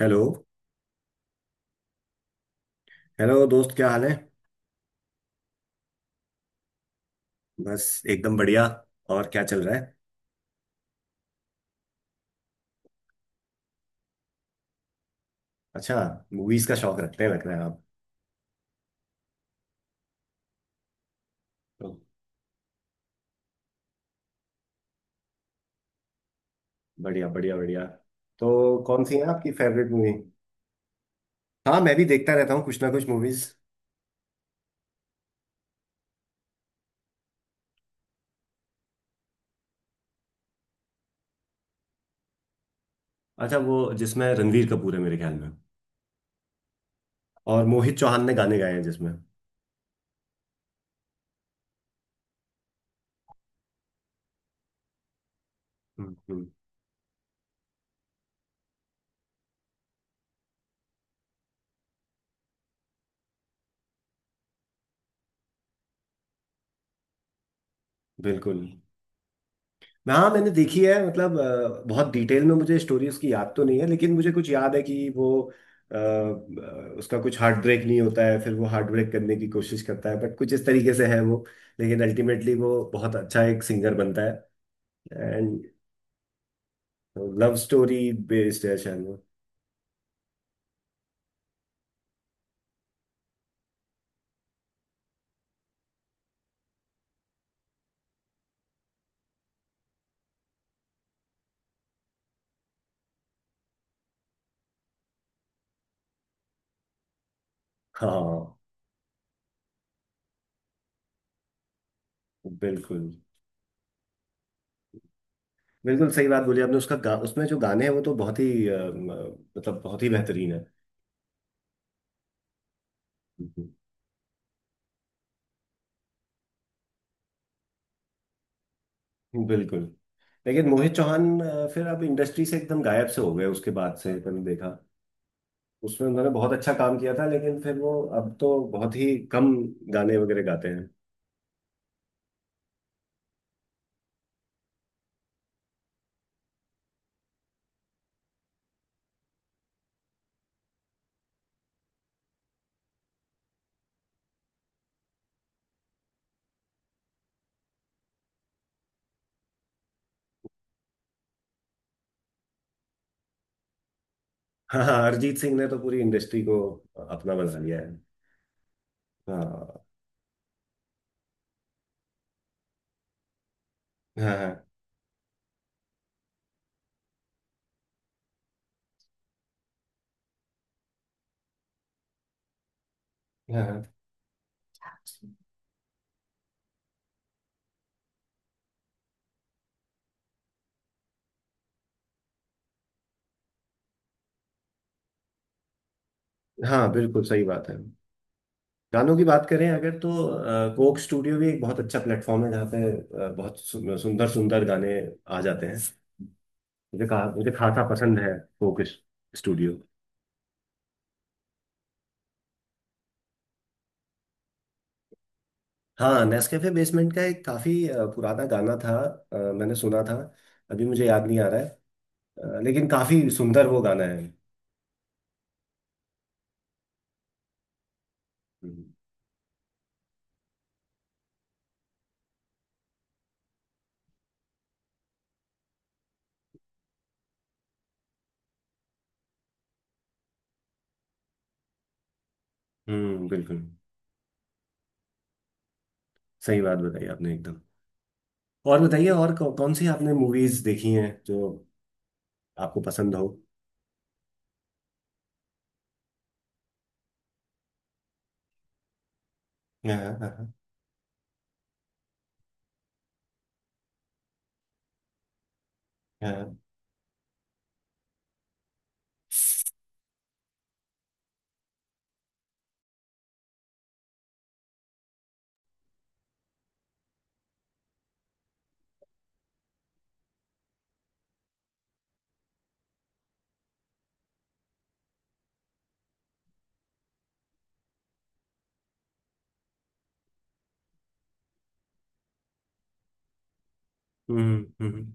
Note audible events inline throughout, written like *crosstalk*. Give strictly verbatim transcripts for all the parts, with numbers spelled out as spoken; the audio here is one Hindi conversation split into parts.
हेलो। हेलो दोस्त, क्या हाल है। बस एकदम बढ़िया। और क्या चल रहा है। अच्छा। मूवीज का शौक रखते हैं लग रहा है आप। तो बढ़िया बढ़िया बढ़िया। तो कौन सी है आपकी फेवरेट मूवी। हाँ मैं भी देखता रहता हूँ कुछ ना कुछ मूवीज। अच्छा, वो जिसमें रणवीर कपूर है मेरे ख्याल में। और मोहित चौहान ने गाने गाए हैं जिसमें। हम्म, हम्म। बिल्कुल। हाँ मैंने देखी है, मतलब अ, बहुत डिटेल में मुझे स्टोरी उसकी याद तो नहीं है, लेकिन मुझे कुछ याद है कि वो अ, अ, उसका कुछ हार्ट ब्रेक नहीं होता है, फिर वो हार्ट ब्रेक करने की कोशिश करता है बट कुछ इस तरीके से है वो। लेकिन अल्टीमेटली वो बहुत अच्छा एक सिंगर बनता है। एंड लव स्टोरी बेस्ड है शायद वो। हाँ बिल्कुल। बिल्कुल सही बात बोली आपने, उसका गा, उसमें जो गाने हैं वो तो बहुत ही अ, म, मतलब बहुत ही बेहतरीन है। हम्म, हम्म। बिल्कुल। लेकिन मोहित चौहान अ, फिर अब इंडस्ट्री से एकदम गायब से हो गए उसके बाद से, मैंने देखा उसमें उन्होंने बहुत अच्छा काम किया था लेकिन फिर वो अब तो बहुत ही कम गाने वगैरह गाते हैं। हाँ हाँ, अरिजीत सिंह ने तो पूरी इंडस्ट्री को अपना बना लिया है। हाँ हाँ हाँ हाँ हाँ, हाँ, बिल्कुल सही बात है। गानों की बात करें अगर तो अ, कोक स्टूडियो भी एक बहुत अच्छा प्लेटफॉर्म है जहाँ पे अ, बहुत सु- सुंदर सुंदर गाने आ जाते हैं। मुझे कहा, मुझे खासा पसंद है कोक स्टूडियो। हाँ, नेस्कैफे बेसमेंट का एक काफी अ, पुराना गाना था। अ, मैंने सुना था, अभी मुझे याद नहीं आ रहा है। अ, लेकिन काफी सुंदर वो गाना है। हम्म, हम्म। बिल्कुल सही बात बताई आपने एकदम। और बताइए, और कौ, कौन सी आपने मूवीज देखी हैं जो आपको पसंद हो। हाँ हाँ हाँ। हम्म, हम्म।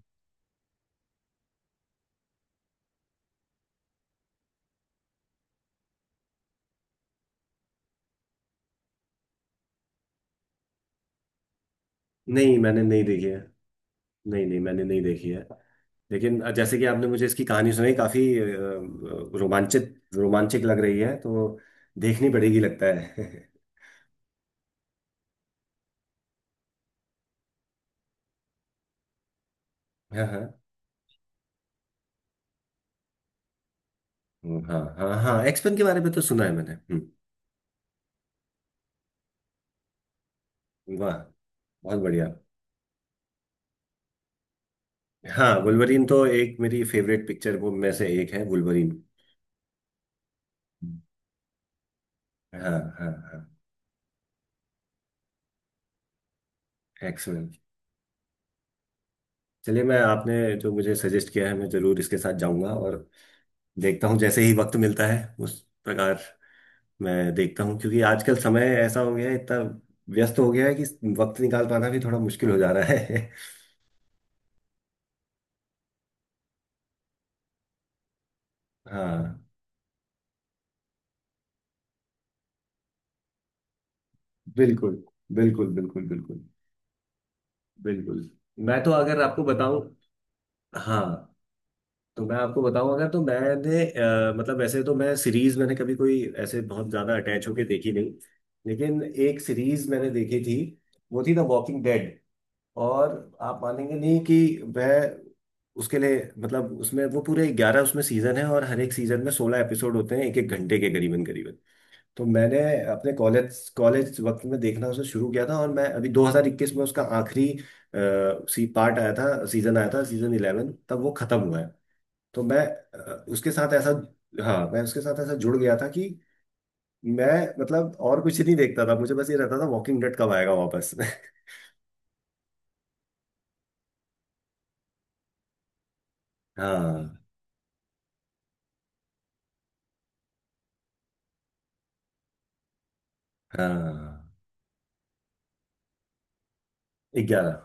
नहीं मैंने नहीं देखी है। नहीं नहीं, मैंने नहीं देखी है। लेकिन जैसे कि आपने मुझे इसकी कहानी सुनाई, काफी अ, रोमांचित रोमांचक लग रही है, तो देखनी पड़ेगी लगता है। *laughs* हाँ हाँ। हाँ हाँ, एक्सपेन के बारे में तो सुना है मैंने, हम्म। वाह, बहुत बढ़िया। हाँ, वुल्वरीन तो एक मेरी फेवरेट पिक्चर वो में से एक है, वुल्वरीन। हाँ हाँ हाँ, एक्समेन। चलिए, मैं आपने जो मुझे सजेस्ट किया है मैं जरूर इसके साथ जाऊंगा और देखता हूँ जैसे ही वक्त मिलता है। उस प्रकार मैं देखता हूँ, क्योंकि आजकल समय ऐसा हो गया है, इतना व्यस्त हो गया है कि वक्त निकाल पाना भी थोड़ा मुश्किल हो जा रहा है। *laughs* हाँ, बिल्कुल बिल्कुल बिल्कुल। बिल्कुल बिल्कुल। मैं तो अगर आपको बताऊं। हाँ, तो मैं आपको बताऊं अगर, तो मैंने अ, मतलब वैसे तो मैं सीरीज मैंने कभी कोई ऐसे बहुत ज्यादा अटैच होके देखी नहीं। लेकिन एक सीरीज मैंने देखी थी, वो थी द वॉकिंग डेड। और आप मानेंगे नहीं कि वह उसके लिए, मतलब उसमें वो पूरे ग्यारह उसमें सीजन है और हर एक सीजन में सोलह एपिसोड होते हैं, एक एक घंटे के करीबन करीबन। तो मैंने अपने कॉलेज कॉलेज वक्त में देखना उसे शुरू किया था और मैं अभी दो हज़ार इक्कीस में उसका आखिरी अ, सी पार्ट आया था सीजन आया था, सीजन इलेवन, तब वो खत्म हुआ है। तो मैं अ, उसके साथ ऐसा। हाँ, मैं उसके साथ ऐसा जुड़ गया था कि मैं, मतलब और कुछ नहीं देखता था, मुझे बस ये रहता था वॉकिंग डेड कब आएगा वापस। *laughs* हाँ हाँ, ग्यारह।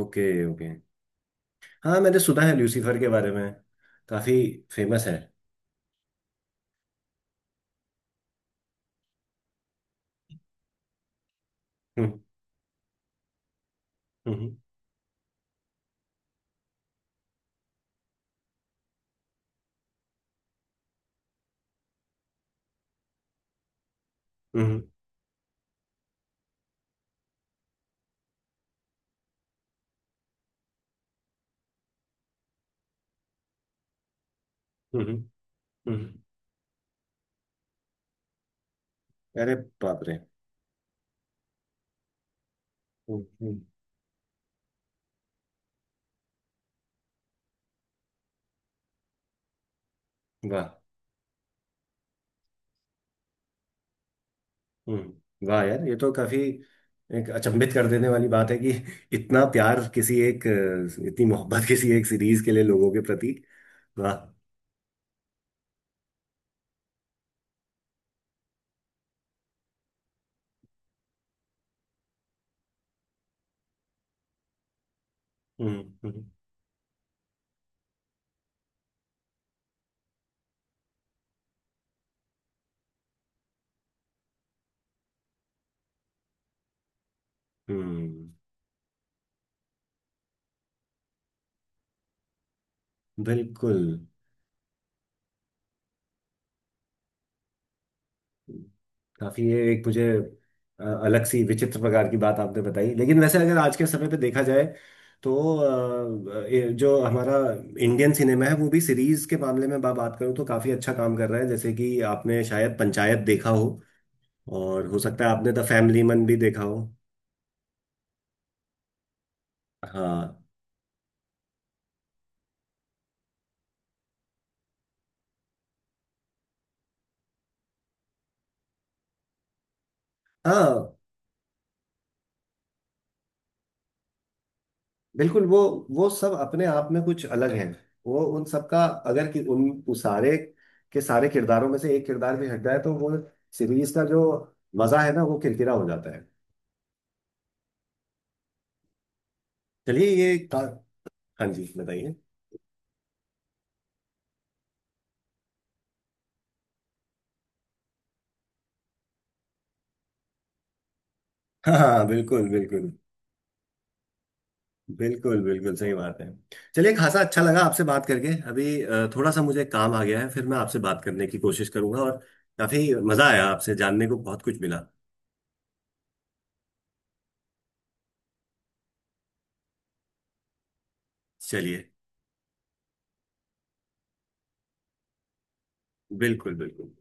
Okay okay. हाँ मैंने सुना है लूसीफर के बारे में। काफी फेमस है। हम्म, हम्म, हम्म, हम्म, हम्म, हम्म। अरे बाप रे। हम्म, हम्म, वाह। हम्म, वाह यार, ये तो काफी एक अचंभित कर देने वाली बात है कि *laughs* इतना प्यार किसी एक अ, इतनी मोहब्बत *laughs* किसी एक सीरीज के लिए लोगों के प्रति। वाह। हम्म, हम्म, हम्म। बिल्कुल। काफी ये एक मुझे अ, अलग सी विचित्र प्रकार की बात आपने बताई, लेकिन वैसे अगर आज के समय पे देखा जाए तो अ, ये जो हमारा इंडियन सिनेमा है वो भी सीरीज के मामले में, मैं बात करूँ तो काफी अच्छा काम कर रहा है। जैसे कि आपने शायद पंचायत देखा हो और हो सकता है आपने द फैमिली मन भी देखा हो। हाँ हाँ, बिल्कुल। वो वो सब अपने आप में कुछ अलग है। वो उन सबका, अगर कि उन उस सारे के सारे किरदारों में से एक किरदार भी हट जाए तो वो सीरीज का जो मजा है ना, वो किरकिरा हो जाता है। चलिए ये का... हाँ जी, बताइए। हाँ हाँ बिल्कुल बिल्कुल। बिल्कुल बिल्कुल सही बात है। चलिए, खासा अच्छा लगा आपसे बात करके, अभी अ, थोड़ा सा मुझे काम आ गया है, फिर मैं आपसे बात करने की कोशिश करूंगा और काफी मजा आया, आपसे जानने को बहुत कुछ मिला। चलिए, बिल्कुल बिल्कुल।